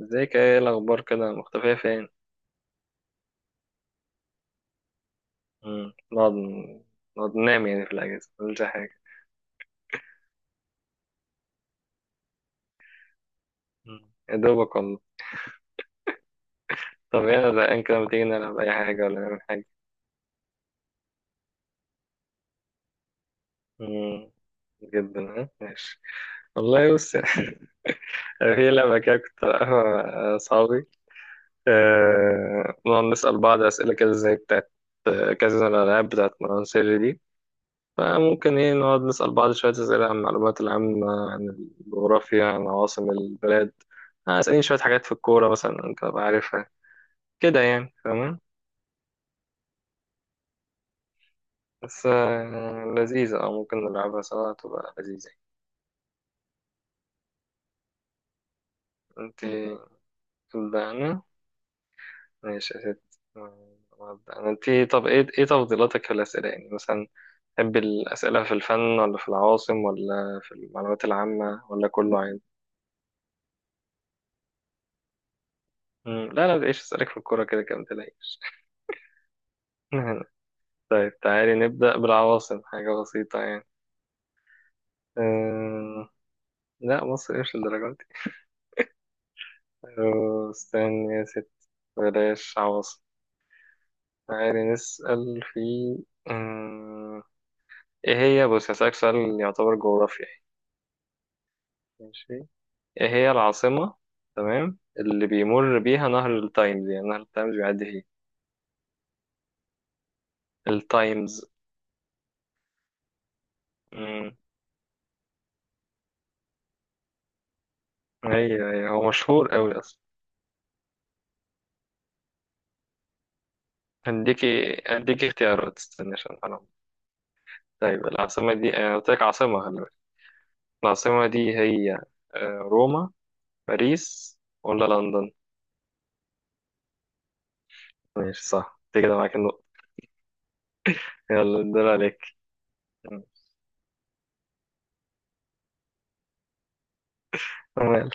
ازيك، ايه الاخبار، كده مختفية فين؟ مم. نقعد ننام يعني في الاجازة مفيش حاجة؟ مم. يا دوبك والله. طب ايه، انا زهقان كده، ما تيجي نلعب اي حاجة ولا نعمل حاجة؟ مم. جدا. ها ماشي. والله بص أنا في لعبة كده كنت بلعبها مع أصحابي. نقعد نسأل بعض أسئلة كده زي بتاعت. كذا الألعاب بتاعت مروان سري دي. فممكن ايه نقعد نسأل بعض شوية أسئلة عن المعلومات العامة، عن الجغرافيا، عن عواصم البلاد. اسألني شوية حاجات في الكورة مثلا، انت بقى عارفها، كده يعني فاهم. بس لذيذة، ممكن نلعبها سوا، تبقى لذيذة. انت تبدأ انا. ماشي يا ست، أبدأ أنا. انت طب ايه تفضيلاتك في الأسئلة، يعني مثلا تحب الأسئلة في الفن ولا في العواصم ولا في المعلومات العامة ولا كله عادي؟ مم، لا لا، تعيش أسألك في الكورة كده كده متلاقيش. طيب تعالي نبدأ بالعواصم، حاجة بسيطة يعني. أه... لا، مصر مش للدرجة دي. استني يا ست. بلاش عواصم. تعالي نسأل في أه... ايه هي. بص هسألك سؤال يعتبر جغرافيا يعني. ماشي. ايه هي العاصمة تمام اللي بيمر بيها نهر التايمز؟ يعني نهر التايمز بيعدي فيه. التايمز. مم. ايوه ايوه، هو مشهور أوي أصلا. هديكي اختيارات، استني عشان أعرف. طيب العاصمة دي أنا قلت لك عاصمة، خلي. العاصمة دي هي روما، باريس، ولا لندن؟ ماشي صح، انت كده معاك النقطة. يلا الدور عليك. تمام.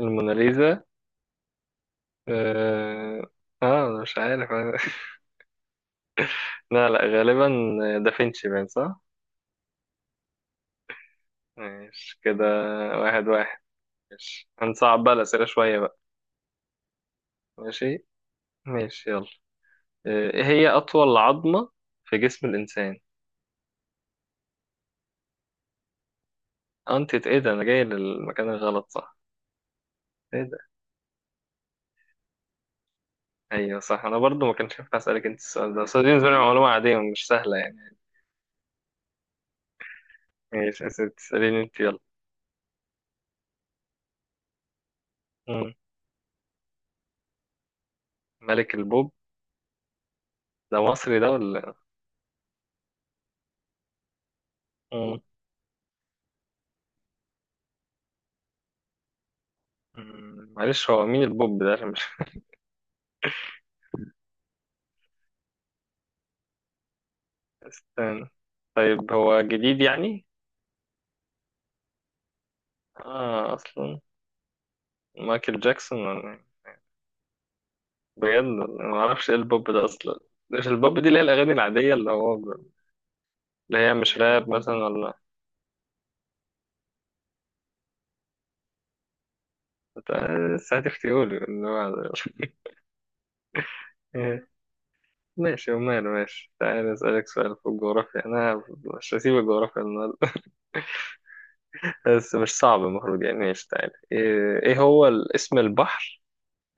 الموناليزا. اه. أنا مش عارف. لا لا، غالبا دافنشي، باين صح. ماشي كده. 1-1. ماشي، هنصعب بقى الأسئلة شوية بقى. ماشي. ماشي يلا. ايه هي أطول عظمة في جسم الإنسان؟ انت ايه ده، انا جاي للمكان الغلط صح. ايه؟ ايوه صح، انا برضو ما كنتش ينفع اسالك انت السؤال ده، بس دي بالنسبه لي معلومه عاديه مش سهله يعني. ماشي يا ستي، تساليني انت يلا. مم. ملك البوب. ده مصري ده ولا؟ مم. مم. معلش هو مين البوب ده عشان مش. استنى. طيب هو جديد يعني؟ اه اصلا. مايكل جاكسون ولا إيه؟ بجد أنا ما اعرفش ايه البوب ده اصلا. مش البوب دي اللي هي الاغاني العاديه اللي هو. اللي هي مش راب مثلا ولا. بس هتفتيولي اللي هو. ماشي وماله. ماشي تعالى أسألك سؤال في الجغرافيا، أنا مش هسيب الجغرافيا النهاردة. بس مش صعب، المفروض يعني. ماشي تعالى، إيه هو اسم البحر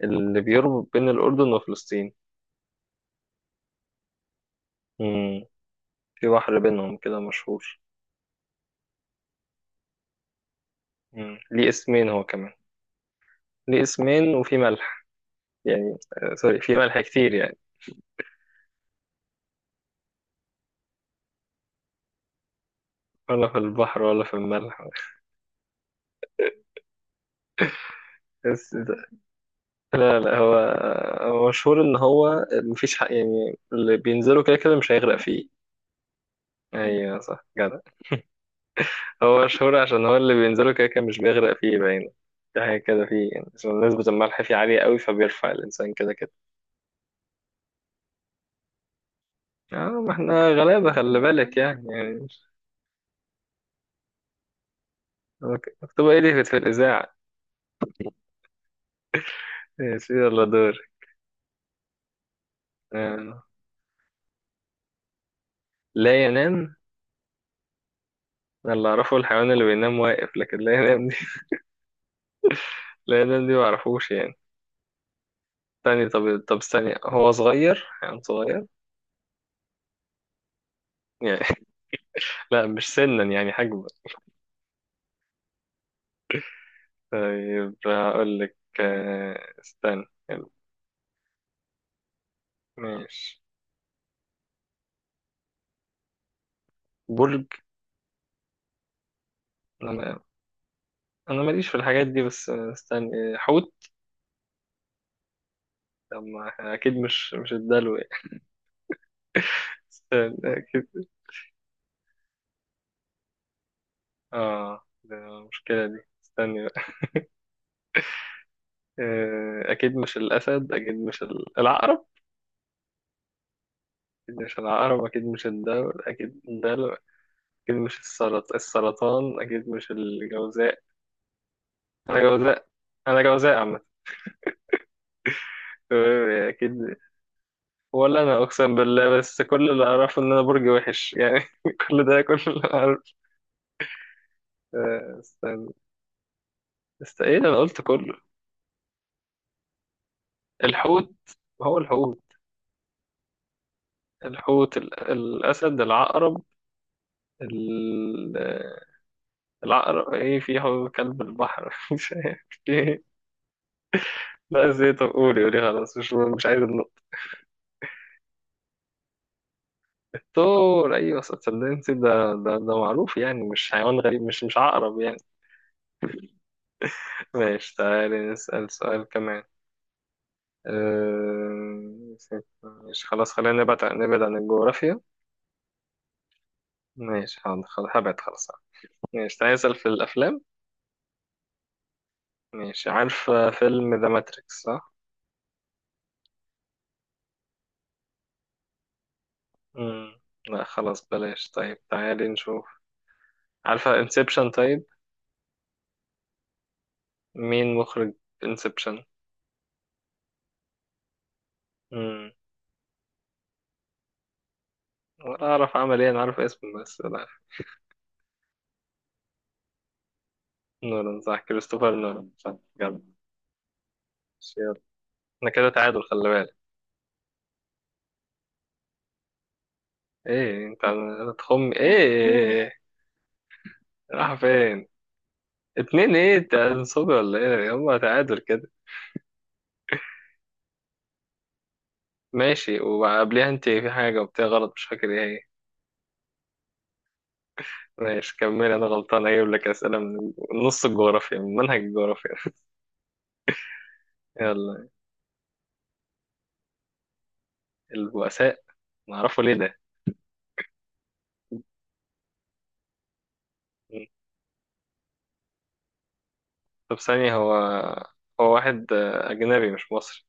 اللي بيربط بين الأردن وفلسطين؟ مم. في بحر بينهم كده مشهور. مم، ليه اسمين هو كمان. ليه اسمين وفي ملح، يعني سوري، في ملح كتير يعني. ولا في البحر ولا في الملح. بس ده- لا لا، هو مشهور إن هو مفيش حق، يعني اللي بينزلوا كده كده مش هيغرق فيه. أيوة صح، جدع. هو شهور عشان هو اللي بينزله كده كده مش بيغرق فيه، باين ده حاجة كده فيه، يعني عشان نسبة الملح فيه عالية قوي فبيرفع الإنسان كده كده. اه، ما احنا غلابة، خلي بالك يعني. أوكي. مكتوبة ايه دي في الإذاعة. يا سيدي الله دور. آه. لا ينام؟ أنا اللي أعرفه الحيوان اللي بينام واقف، لكن لا ينام دي لا ينام دي معرفوش يعني. تاني، طب استني، هو صغير، حيوان صغير يعني؟ لا مش سنا يعني، حجما. طيب هقول لك استنى. ماشي. برج. نعم. انا ماليش في الحاجات دي، بس استنى، حوت. طب ما اكيد مش الدلو يعني. استنى اكيد. اه ده المشكله دي. استنى بقى. اكيد مش الاسد، اكيد مش العقرب. اكيد مش العقرب، اكيد مش الدلو، اكيد الدلو. اكيد مش السرطان، اكيد مش الجوزاء. انا جوزاء. انا جوزاء عامه. اكيد. ولا انا اقسم بالله، بس كل اللي اعرفه ان انا برج وحش يعني. كل اللي اعرفه. استنى. ايه ده، انا قلت كله. الحوت. هو الحوت. الحوت، الأسد، العقرب، ال- العقرب، ايه، في هو كلب البحر مش عارف ايه. لا زيت، قولي قولي، خلاص مش عايز النقطة. الثور، ايوه صدقني ده معروف يعني، مش حيوان غريب، مش عقرب يعني. ماشي تعالي نسأل سؤال كمان. أه... مش خلاص، خلينا نبعد عن الجغرافيا. ماشي حاضر، خلاص هبعد، خلاص. ماشي تعالي نسأل في الأفلام. ماشي، عارف فيلم ذا ماتريكس صح؟ مم. لا خلاص بلاش، طيب تعالي نشوف. عارفة انسبشن؟ طيب، مين مخرج انسبشن؟ امم. ولا اعرف عمل ايه، انا عارف اسمه بس لا أعرف. نولان، صح كريستوفر نولان، صح، جامد. يلا. احنا كده تعادل خلي بالك. انت هتخم ايه؟ راح فين؟ اتنين، ايه، تنصبي ولا ايه، هما تعادل كده. ماشي، وقبليها انت في حاجة وبتاع غلط، مش فاكر ايه هي. ماشي كملي، انا غلطان، اجيب لك اسئلة من نص الجغرافيا، من منهج الجغرافيا. يلا. البؤساء. نعرفه ليه ده. مم. طب ثانية. هو واحد أجنبي مش مصري؟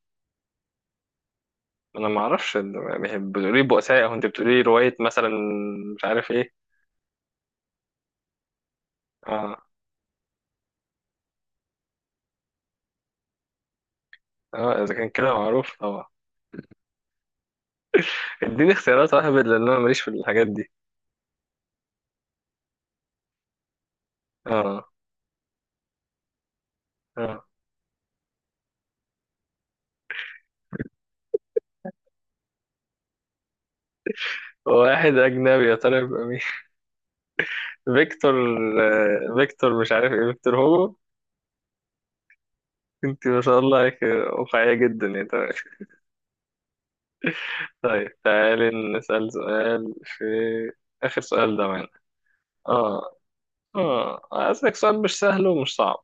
أنا ما أعرفش. بتقولي بؤساء أو أنت بتقولي رواية مثلا. مش عارف إيه. آه. إذا كان كده معروف طبعا. إديني اختيارات واحد، لأن أنا ماليش في الحاجات دي. آه. آه واحد أجنبي يا ترى يبقى مين؟ فيكتور. فيكتور مش عارف إيه، فيكتور هو. أنت ما شاء الله عليك، واقعية جدا يعني. طيب. طيب، تعالي نسأل سؤال في آخر سؤال ده معانا. اه. أسألك سؤال مش سهل ومش صعب.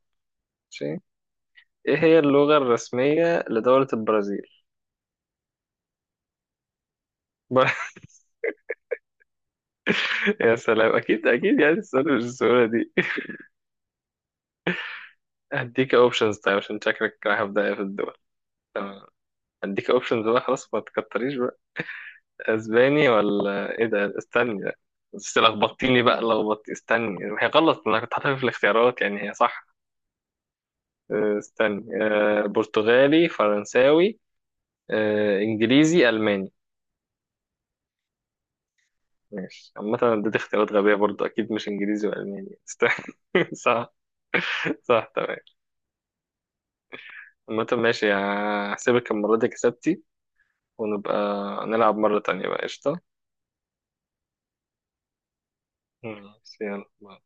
ماشي. إيه هي اللغة الرسمية لدولة البرازيل؟ يا سلام، أكيد أكيد يعني السؤال مش السهولة دي. هديك أوبشنز طيب عشان شكلك رايح بداية في الدول. تمام. هديك أوبشنز بقى، خلاص ما تكتريش بقى. أسباني ولا إيه ده، استني ده. بس لخبطتيني بقى، استني. هي غلط، أنا كنت حاططها في الاختيارات، يعني هي صح. استني. برتغالي، فرنساوي، إنجليزي، ألماني. ماشي، عامة اديت اختيارات غبية برضه، أكيد مش إنجليزي وألماني، صح. صح تمام. عامة ماشي، هحسبك المرة دي كسبتي، ونبقى نلعب مرة تانية بقى، قشطة. ماشي، يلا.